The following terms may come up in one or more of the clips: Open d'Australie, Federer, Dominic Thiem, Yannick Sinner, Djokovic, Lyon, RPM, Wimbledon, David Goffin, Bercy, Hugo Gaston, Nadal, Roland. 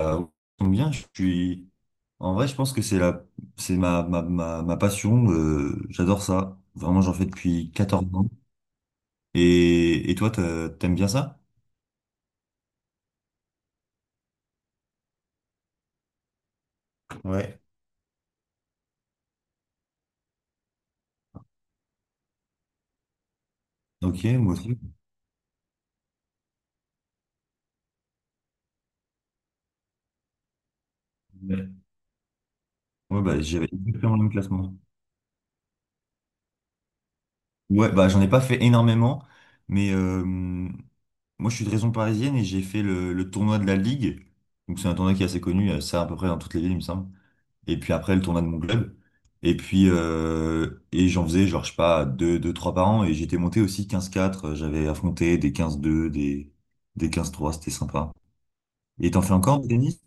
Euh, combien je suis. En vrai, je pense que c'est ma passion. J'adore ça. Vraiment, j'en fais depuis 14 ans. Et toi, t'aimes bien ça? Ouais. Ok, moi aussi. Ouais, ouais, bah, j'avais exactement le même classement. Ouais, bah, j'en ai pas fait énormément. Mais moi, je suis de région parisienne et j'ai fait le tournoi de la Ligue. Donc, c'est un tournoi qui est assez connu. Ça, à peu près dans toutes les villes, il me semble. Et puis après le tournoi de mon club. Et puis, j'en faisais, genre, je sais pas, deux, trois par an, et j'étais monté aussi quinze quatre j'avais affronté des quinze deux des quinze trois, c'était sympa. Et t'en fais encore du tennis?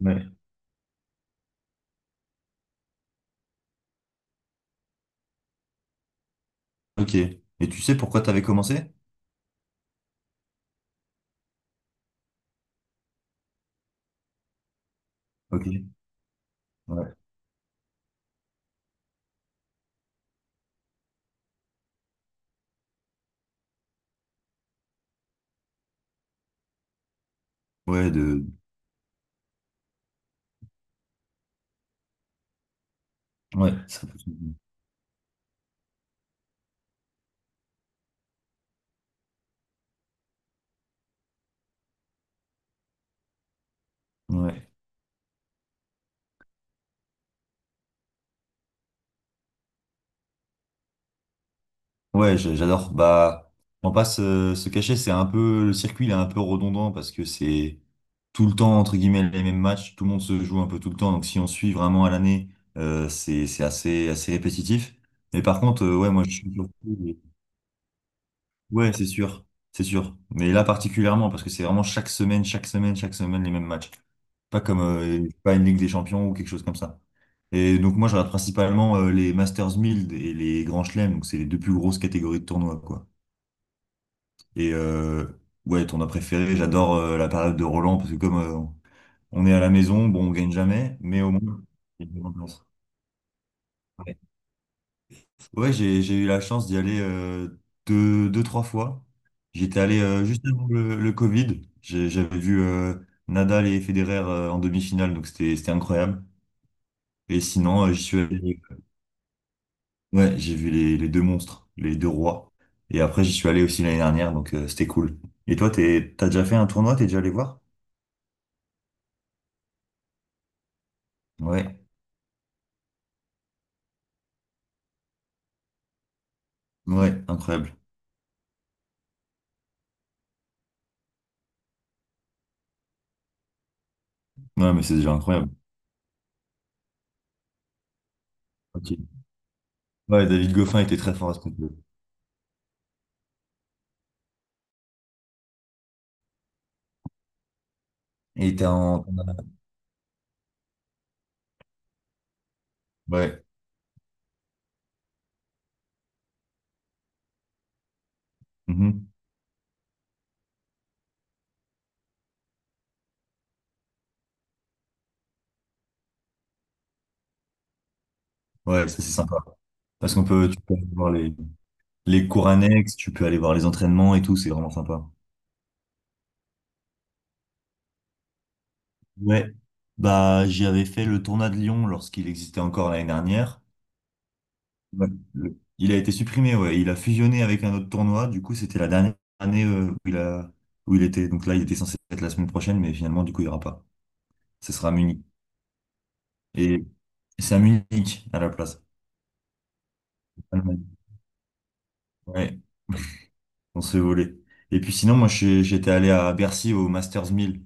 Ouais. Ok. Et tu sais pourquoi t'avais commencé? Ok. Ouais. Ouais, ouais. Ouais. Ouais, j'adore. Bah, on passe se cacher, c'est un peu le circuit, il est un peu redondant parce que c'est tout le temps entre guillemets les mêmes matchs, tout le monde se joue un peu tout le temps. Donc si on suit vraiment à l'année, c'est assez répétitif. Mais par contre, ouais, moi je suis surpris. Ouais, c'est sûr, c'est sûr. Mais là particulièrement parce que c'est vraiment chaque semaine, chaque semaine, chaque semaine les mêmes matchs. Pas comme pas une Ligue des Champions ou quelque chose comme ça. Et donc moi je regarde principalement les Masters 1000 et les Grands Chelems, donc c'est les deux plus grosses catégories de tournois, quoi. Et ouais, ton as préféré, j'adore la période de Roland parce que comme on est à la maison, bon, on gagne jamais, mais au moins, il y a une ambiance. Ouais, ouais, j'ai eu la chance d'y aller deux, trois fois. J'étais allé juste avant le Covid. J'avais vu Nadal et Federer en demi-finale, donc c'était incroyable. Et sinon, j'y suis allé. Ouais, j'ai vu les deux monstres, les deux rois. Et après, j'y suis allé aussi l'année dernière, donc c'était cool. Et toi, t'as déjà fait un tournoi, t'es déjà allé voir? Ouais. Ouais, incroyable. Ouais, mais c'est déjà incroyable. Ok. Ouais, David Goffin était très fort à ce niveau. Et il était en... Ouais. Mhm. Ouais, ça c'est sympa. Parce tu peux aller voir les cours annexes, tu peux aller voir les entraînements et tout, c'est vraiment sympa. Ouais. Bah, j'y avais fait le tournoi de Lyon lorsqu'il existait encore l'année dernière. Ouais. Il a été supprimé, ouais. Il a fusionné avec un autre tournoi. Du coup, c'était la dernière année où il était. Donc là, il était censé être la semaine prochaine, mais finalement, du coup, il n'y aura pas. Ce sera à Munich. Et c'est à Munich à la place. Allemagne. Ouais, on s'est volé. Et puis sinon, moi, j'étais allé à Bercy au Masters 1000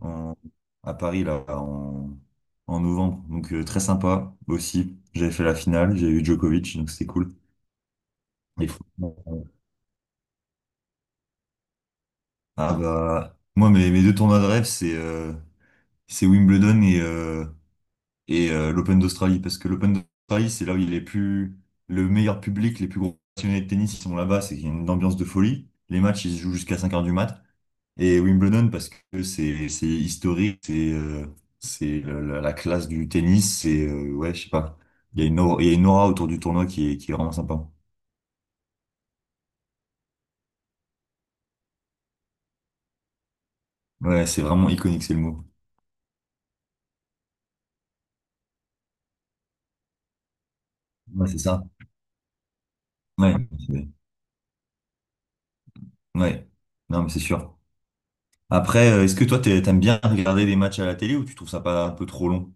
en- à Paris, là, en novembre. Donc, très sympa aussi. J'avais fait la finale, j'ai eu Djokovic, donc c'était cool. Et franchement, ah bah, moi, mes deux tournois de rêve, c'est Wimbledon et l'Open d'Australie, parce que l'Open d'Australie, c'est là où il est plus le meilleur public, les plus gros passionnés de tennis, ils sont là-bas, c'est qu'il y a une ambiance de folie. Les matchs, ils se jouent jusqu'à 5 heures du mat. Et Wimbledon, parce que c'est historique, c'est la classe du tennis, ouais, je sais pas, il y a une aura autour du tournoi qui est vraiment sympa. Ouais, c'est vraiment iconique, c'est le mot. Ouais, c'est ça. Ouais, c'est- ouais. Non, mais c'est sûr. Après, est-ce que toi, t'aimes bien regarder des matchs à la télé ou tu trouves ça pas un peu trop long?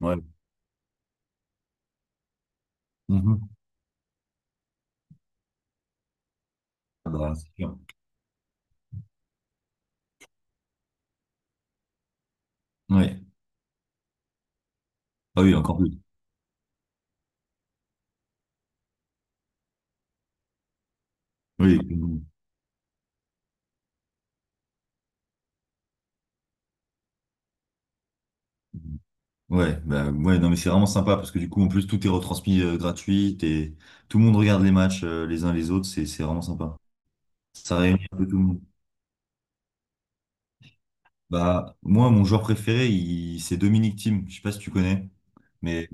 Ouais. Mm-hmm. Ah bah, c'est sûr. Ouais. Ah oui, encore plus. Oui. Ouais, bah ouais, non mais c'est vraiment sympa parce que du coup en plus tout est retransmis gratuit et tout le monde regarde les matchs les uns les autres, c'est vraiment sympa. Ça réunit un peu tout le monde. Bah moi mon joueur préféré c'est Dominic Thiem, je sais pas si tu connais, mais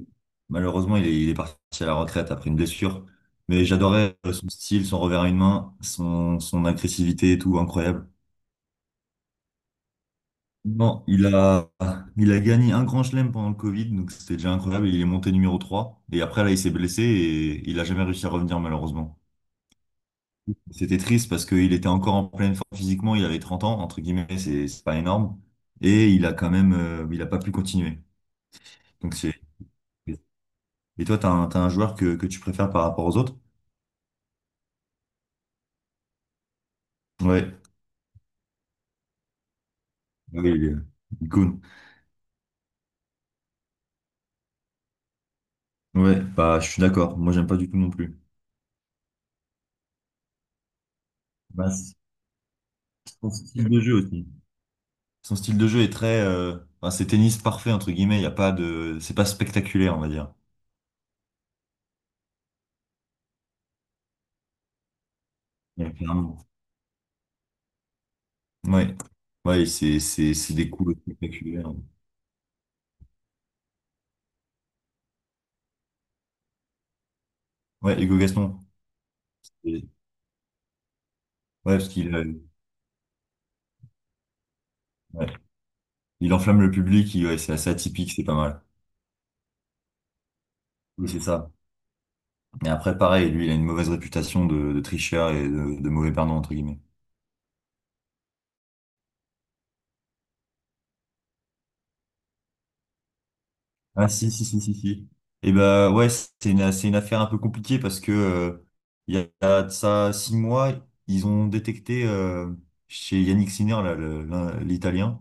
malheureusement il est parti à la retraite après une blessure. Mais j'adorais son style, son revers à une main, son agressivité et tout, incroyable. Non, il a gagné un grand chelem pendant le Covid, donc c'était déjà incroyable. Il est monté numéro 3. Et après, là, il s'est blessé et il a jamais réussi à revenir, malheureusement. C'était triste parce qu'il était encore en pleine forme physiquement. Il avait 30 ans, entre guillemets, c'est pas énorme. Et il a quand même, il a pas pu continuer. Donc c'est. Et toi, t'as un joueur que tu préfères par rapport aux autres? Ouais. Oui, il est cool. Ouais, bah, je suis d'accord. Moi, j'aime pas du tout non plus. Bah, c'est son style de jeu aussi. Son style de jeu est très, enfin, c'est tennis parfait entre guillemets. Il y a pas de, C'est pas spectaculaire, on va dire. Ouais, clairement. Ouais, ouais, c'est des coups spectaculaires. Ouais, Hugo Gaston. Ouais, parce qu'il ouais. Il enflamme le public. Ouais, c'est assez atypique, c'est pas mal. Oui, c'est ça. Et après, pareil, lui, il a une mauvaise réputation de tricheur et de mauvais perdant entre guillemets. Ah si, si, si, si, si. Et ben ouais, c'est une affaire un peu compliquée parce que il y a de ça 6 mois, ils ont détecté chez Yannick Sinner, là, l'Italien,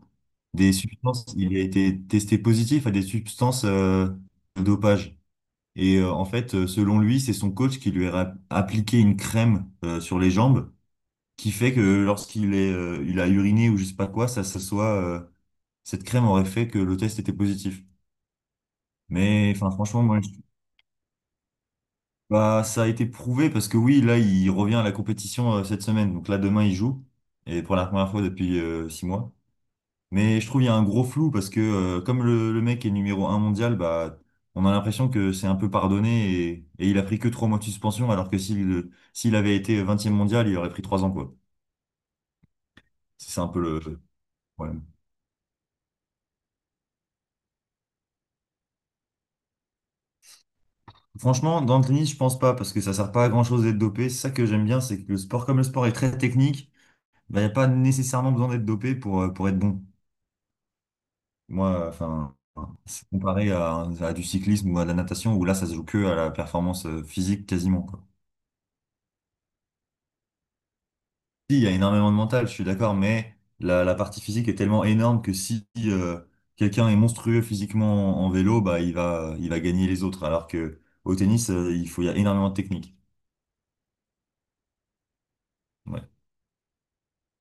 des substances, il a été testé positif à des substances de dopage. Et en fait, selon lui, c'est son coach qui lui a appliqué une crème sur les jambes qui fait que il a uriné ou je sais pas quoi, ça soit, cette crème aurait fait que le test était positif. Mais enfin, franchement, moi, bah, ça a été prouvé parce que oui, là, il revient à la compétition cette semaine. Donc là, demain, il joue. Et pour la première fois depuis 6 mois. Mais je trouve il y a un gros flou parce que comme le mec est numéro un mondial, bah, on a l'impression que c'est un peu pardonné et il a pris que 3 mois de suspension alors que s'il avait été 20e mondial, il aurait pris 3 ans, quoi. C'est ça un peu le problème. Franchement, dans le tennis, je pense pas parce que ça sert pas à grand-chose d'être dopé. C'est ça que j'aime bien, c'est que le sport, comme le sport est très technique, bah, il n'y a pas nécessairement besoin d'être dopé pour être bon. Moi, enfin, c'est comparé à du cyclisme ou à de la natation, où là, ça se joue que à la performance physique quasiment, quoi. Si, il y a énormément de mental, je suis d'accord, mais la partie physique est tellement énorme que si quelqu'un est monstrueux physiquement en vélo, bah, il va gagner les autres, alors que au tennis, il y a énormément de technique. Ouais.